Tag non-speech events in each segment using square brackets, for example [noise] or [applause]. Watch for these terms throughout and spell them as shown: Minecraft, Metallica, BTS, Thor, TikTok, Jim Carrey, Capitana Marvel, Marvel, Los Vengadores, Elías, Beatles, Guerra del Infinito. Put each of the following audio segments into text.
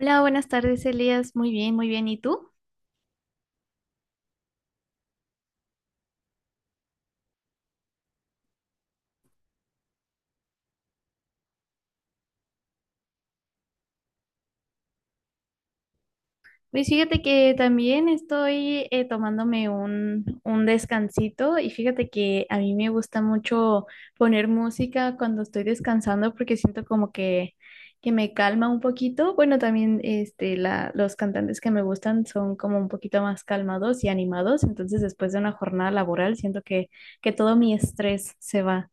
Hola, buenas tardes, Elías. Muy bien, muy bien. ¿Y tú? Pues fíjate que también estoy tomándome un descansito y fíjate que a mí me gusta mucho poner música cuando estoy descansando porque siento como que me calma un poquito. Bueno, también este, los cantantes que me gustan son como un poquito más calmados y animados, entonces después de una jornada laboral siento que todo mi estrés se va.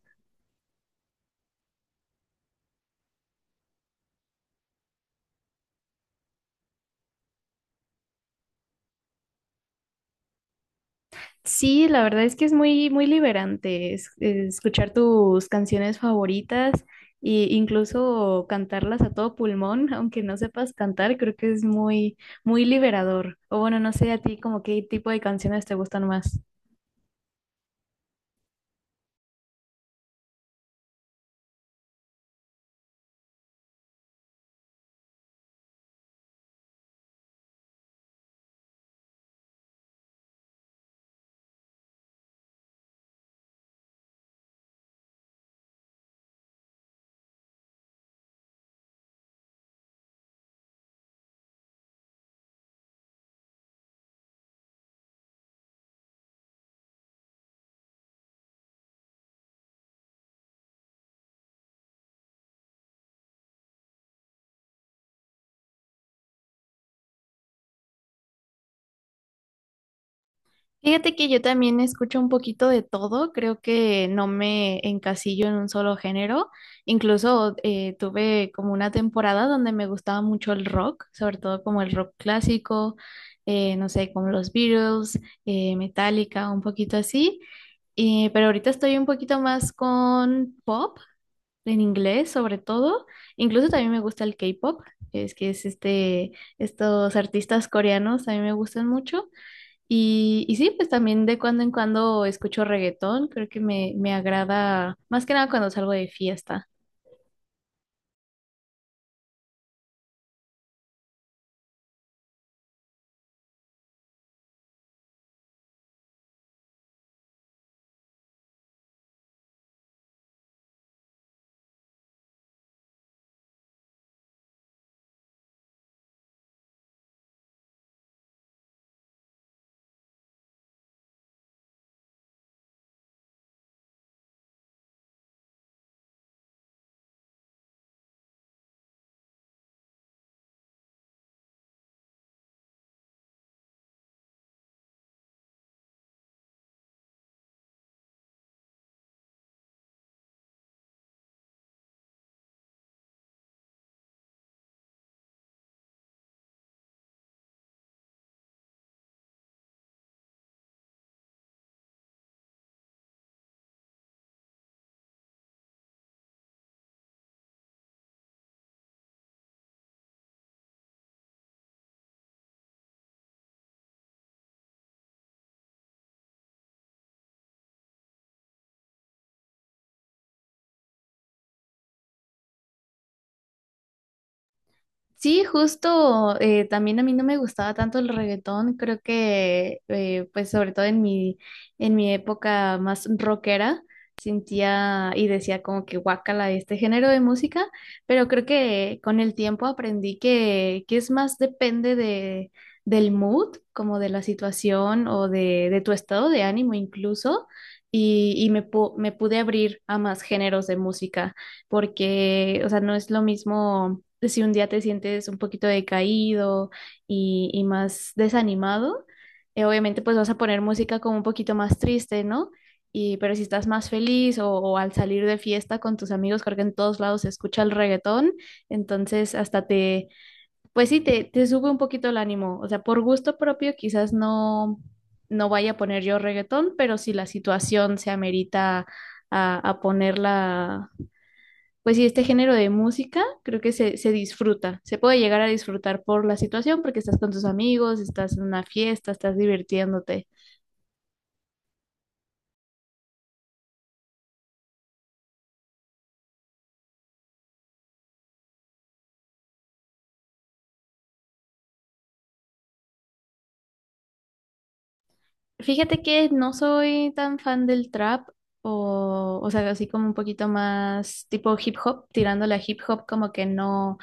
Sí, la verdad es que es muy, muy liberante escuchar tus canciones favoritas e incluso cantarlas a todo pulmón, [laughs] aunque no sepas cantar, creo que es muy, muy liberador. O bueno, no sé a ti como qué tipo de canciones te gustan más. Fíjate que yo también escucho un poquito de todo, creo que no me encasillo en un solo género, incluso tuve como una temporada donde me gustaba mucho el rock, sobre todo como el rock clásico, no sé, como los Beatles, Metallica, un poquito así. Pero ahorita estoy un poquito más con pop, en inglés sobre todo, incluso también me gusta el K-pop, es que es este, estos artistas coreanos, a mí me gustan mucho. Y sí, pues también de cuando en cuando escucho reggaetón, creo que me agrada más que nada cuando salgo de fiesta. Sí, justo, también a mí no me gustaba tanto el reggaetón, creo que pues sobre todo en en mi época más rockera sentía y decía como que guácala este género de música, pero creo que con el tiempo aprendí que es más depende del mood, como de la situación o de tu estado de ánimo incluso, y me pude abrir a más géneros de música porque, o sea, no es lo mismo si un día te sientes un poquito decaído y más desanimado, obviamente pues vas a poner música como un poquito más triste, ¿no? Y, pero si estás más feliz o al salir de fiesta con tus amigos, creo que en todos lados se escucha el reggaetón, entonces pues sí, te sube un poquito el ánimo, o sea, por gusto propio quizás no, no vaya a poner yo reggaetón, pero si la situación se amerita a ponerla pues sí, este género de música creo que se disfruta, se puede llegar a disfrutar por la situación porque estás con tus amigos, estás en una fiesta, estás divirtiéndote. Fíjate que no soy tan fan del trap o sea, así como un poquito más tipo hip hop, tirándole a hip hop como que no.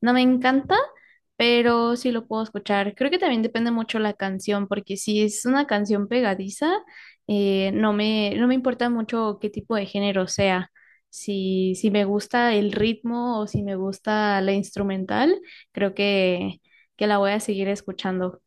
No me encanta, pero sí lo puedo escuchar. Creo que también depende mucho la canción, porque si es una canción pegadiza, no me importa mucho qué tipo de género sea. Si me gusta el ritmo o si me gusta la instrumental, creo que la voy a seguir escuchando.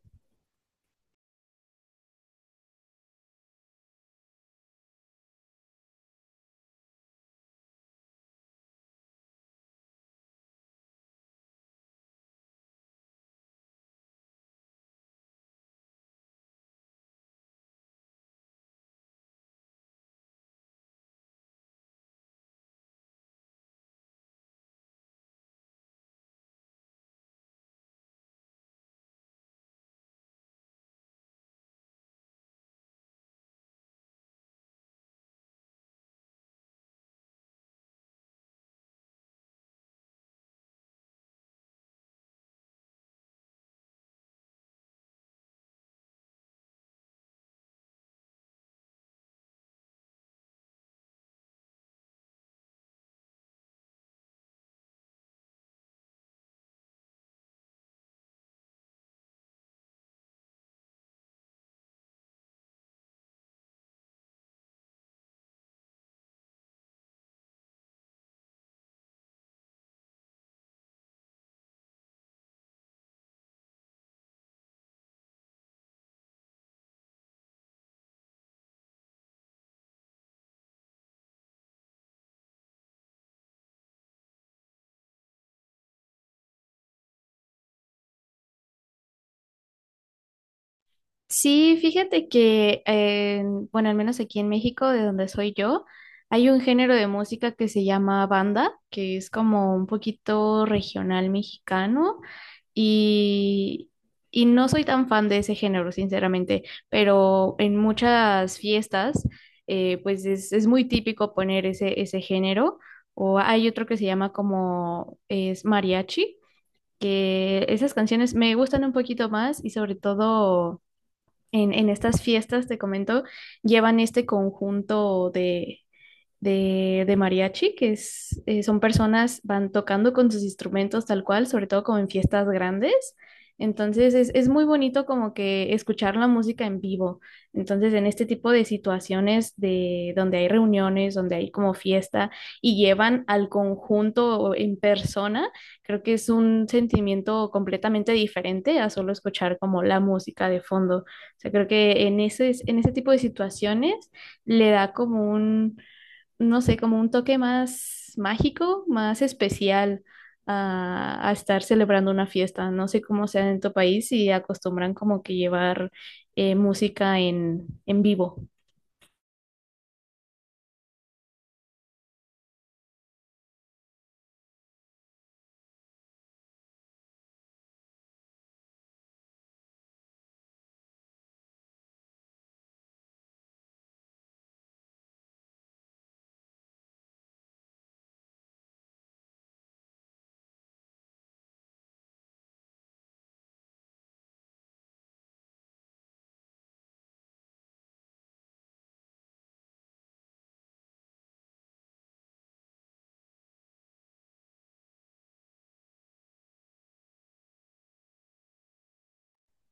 Sí, fíjate que, bueno, al menos aquí en México, de donde soy yo, hay un género de música que se llama banda, que es como un poquito regional mexicano y, y no soy tan fan de ese género, sinceramente, pero en muchas fiestas, pues es muy típico poner ese género, o hay otro que se llama como es mariachi, que esas canciones me gustan un poquito más y sobre todo en estas fiestas, te comento, llevan este conjunto de mariachi, que es, son personas, van tocando con sus instrumentos tal cual, sobre todo como en fiestas grandes. Entonces es muy bonito como que escuchar la música en vivo. Entonces en este tipo de situaciones de donde hay reuniones, donde hay como fiesta y llevan al conjunto en persona, creo que es un sentimiento completamente diferente a solo escuchar como la música de fondo. O sea, creo que en ese tipo de situaciones le da como un, no sé, como un toque más mágico, más especial a estar celebrando una fiesta. No sé cómo sea en tu país y acostumbran como que llevar música en vivo.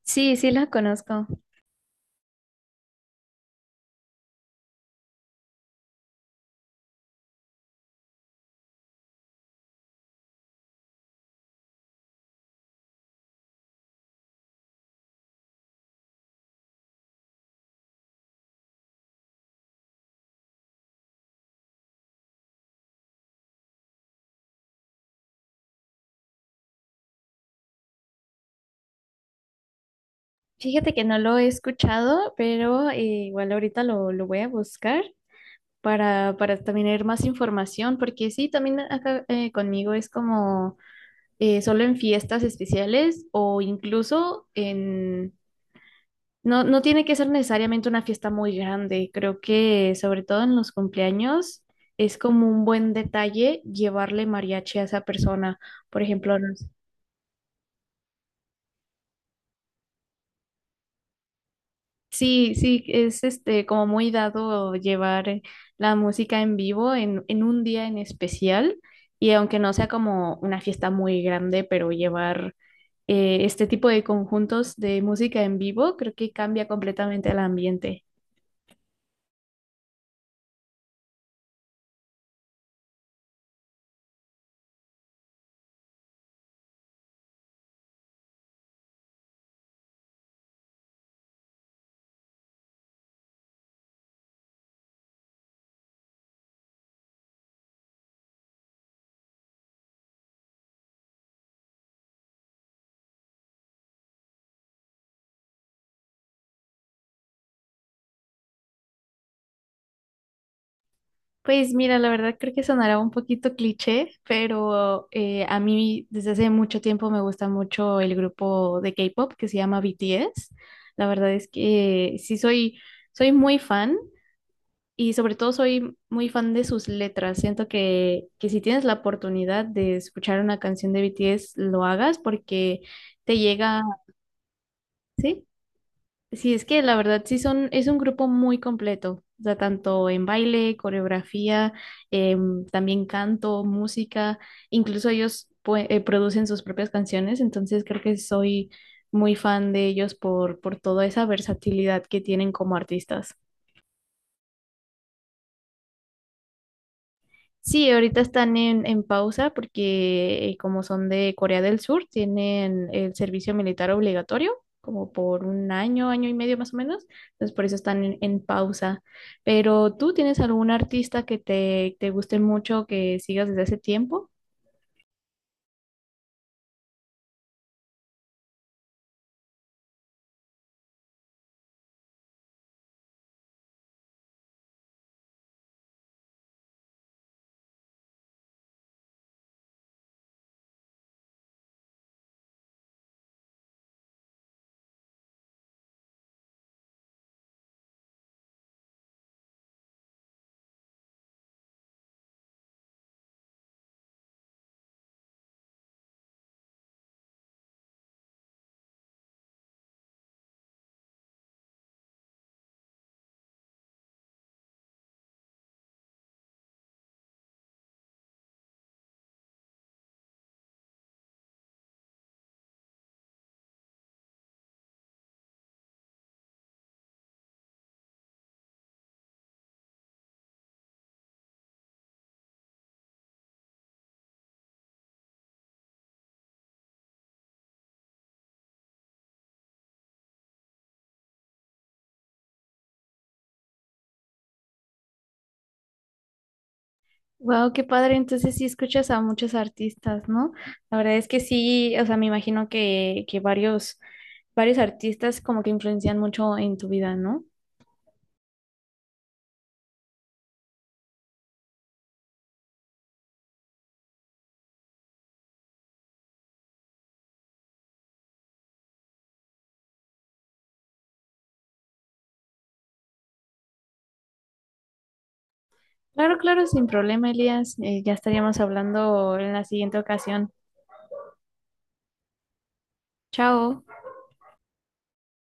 Sí, sí la conozco. Fíjate que no lo he escuchado, pero igual ahorita lo voy a buscar para también tener más información, porque sí, también acá conmigo es como solo en fiestas especiales o incluso en, no, no tiene que ser necesariamente una fiesta muy grande. Creo que sobre todo en los cumpleaños es como un buen detalle llevarle mariachi a esa persona. Por ejemplo, no sé, sí, sí, es este como muy dado llevar la música en vivo en un día en especial. Y aunque no sea como una fiesta muy grande, pero llevar este tipo de conjuntos de música en vivo, creo que cambia completamente el ambiente. Pues mira, la verdad creo que sonará un poquito cliché, pero a mí desde hace mucho tiempo me gusta mucho el grupo de K-pop que se llama BTS. La verdad es que sí soy, soy muy fan y sobre todo soy muy fan de sus letras. Siento que si tienes la oportunidad de escuchar una canción de BTS, lo hagas porque te llega, ¿sí? Sí, es que la verdad sí son, es un grupo muy completo, o sea, tanto en baile, coreografía, también canto, música, incluso ellos producen sus propias canciones, entonces creo que soy muy fan de ellos por toda esa versatilidad que tienen como artistas. Sí, ahorita están en pausa porque como son de Corea del Sur, tienen el servicio militar obligatorio como por un año, año y medio más o menos. Entonces por eso están en pausa. Pero ¿tú tienes algún artista que te guste mucho, que sigas desde hace tiempo? Wow, qué padre. Entonces sí escuchas a muchos artistas, ¿no? La verdad es que sí, o sea, me imagino que varios, varios artistas como que influencian mucho en tu vida, ¿no? Claro, claro, sin problema, Elías. Ya estaríamos hablando en la siguiente ocasión. Chao.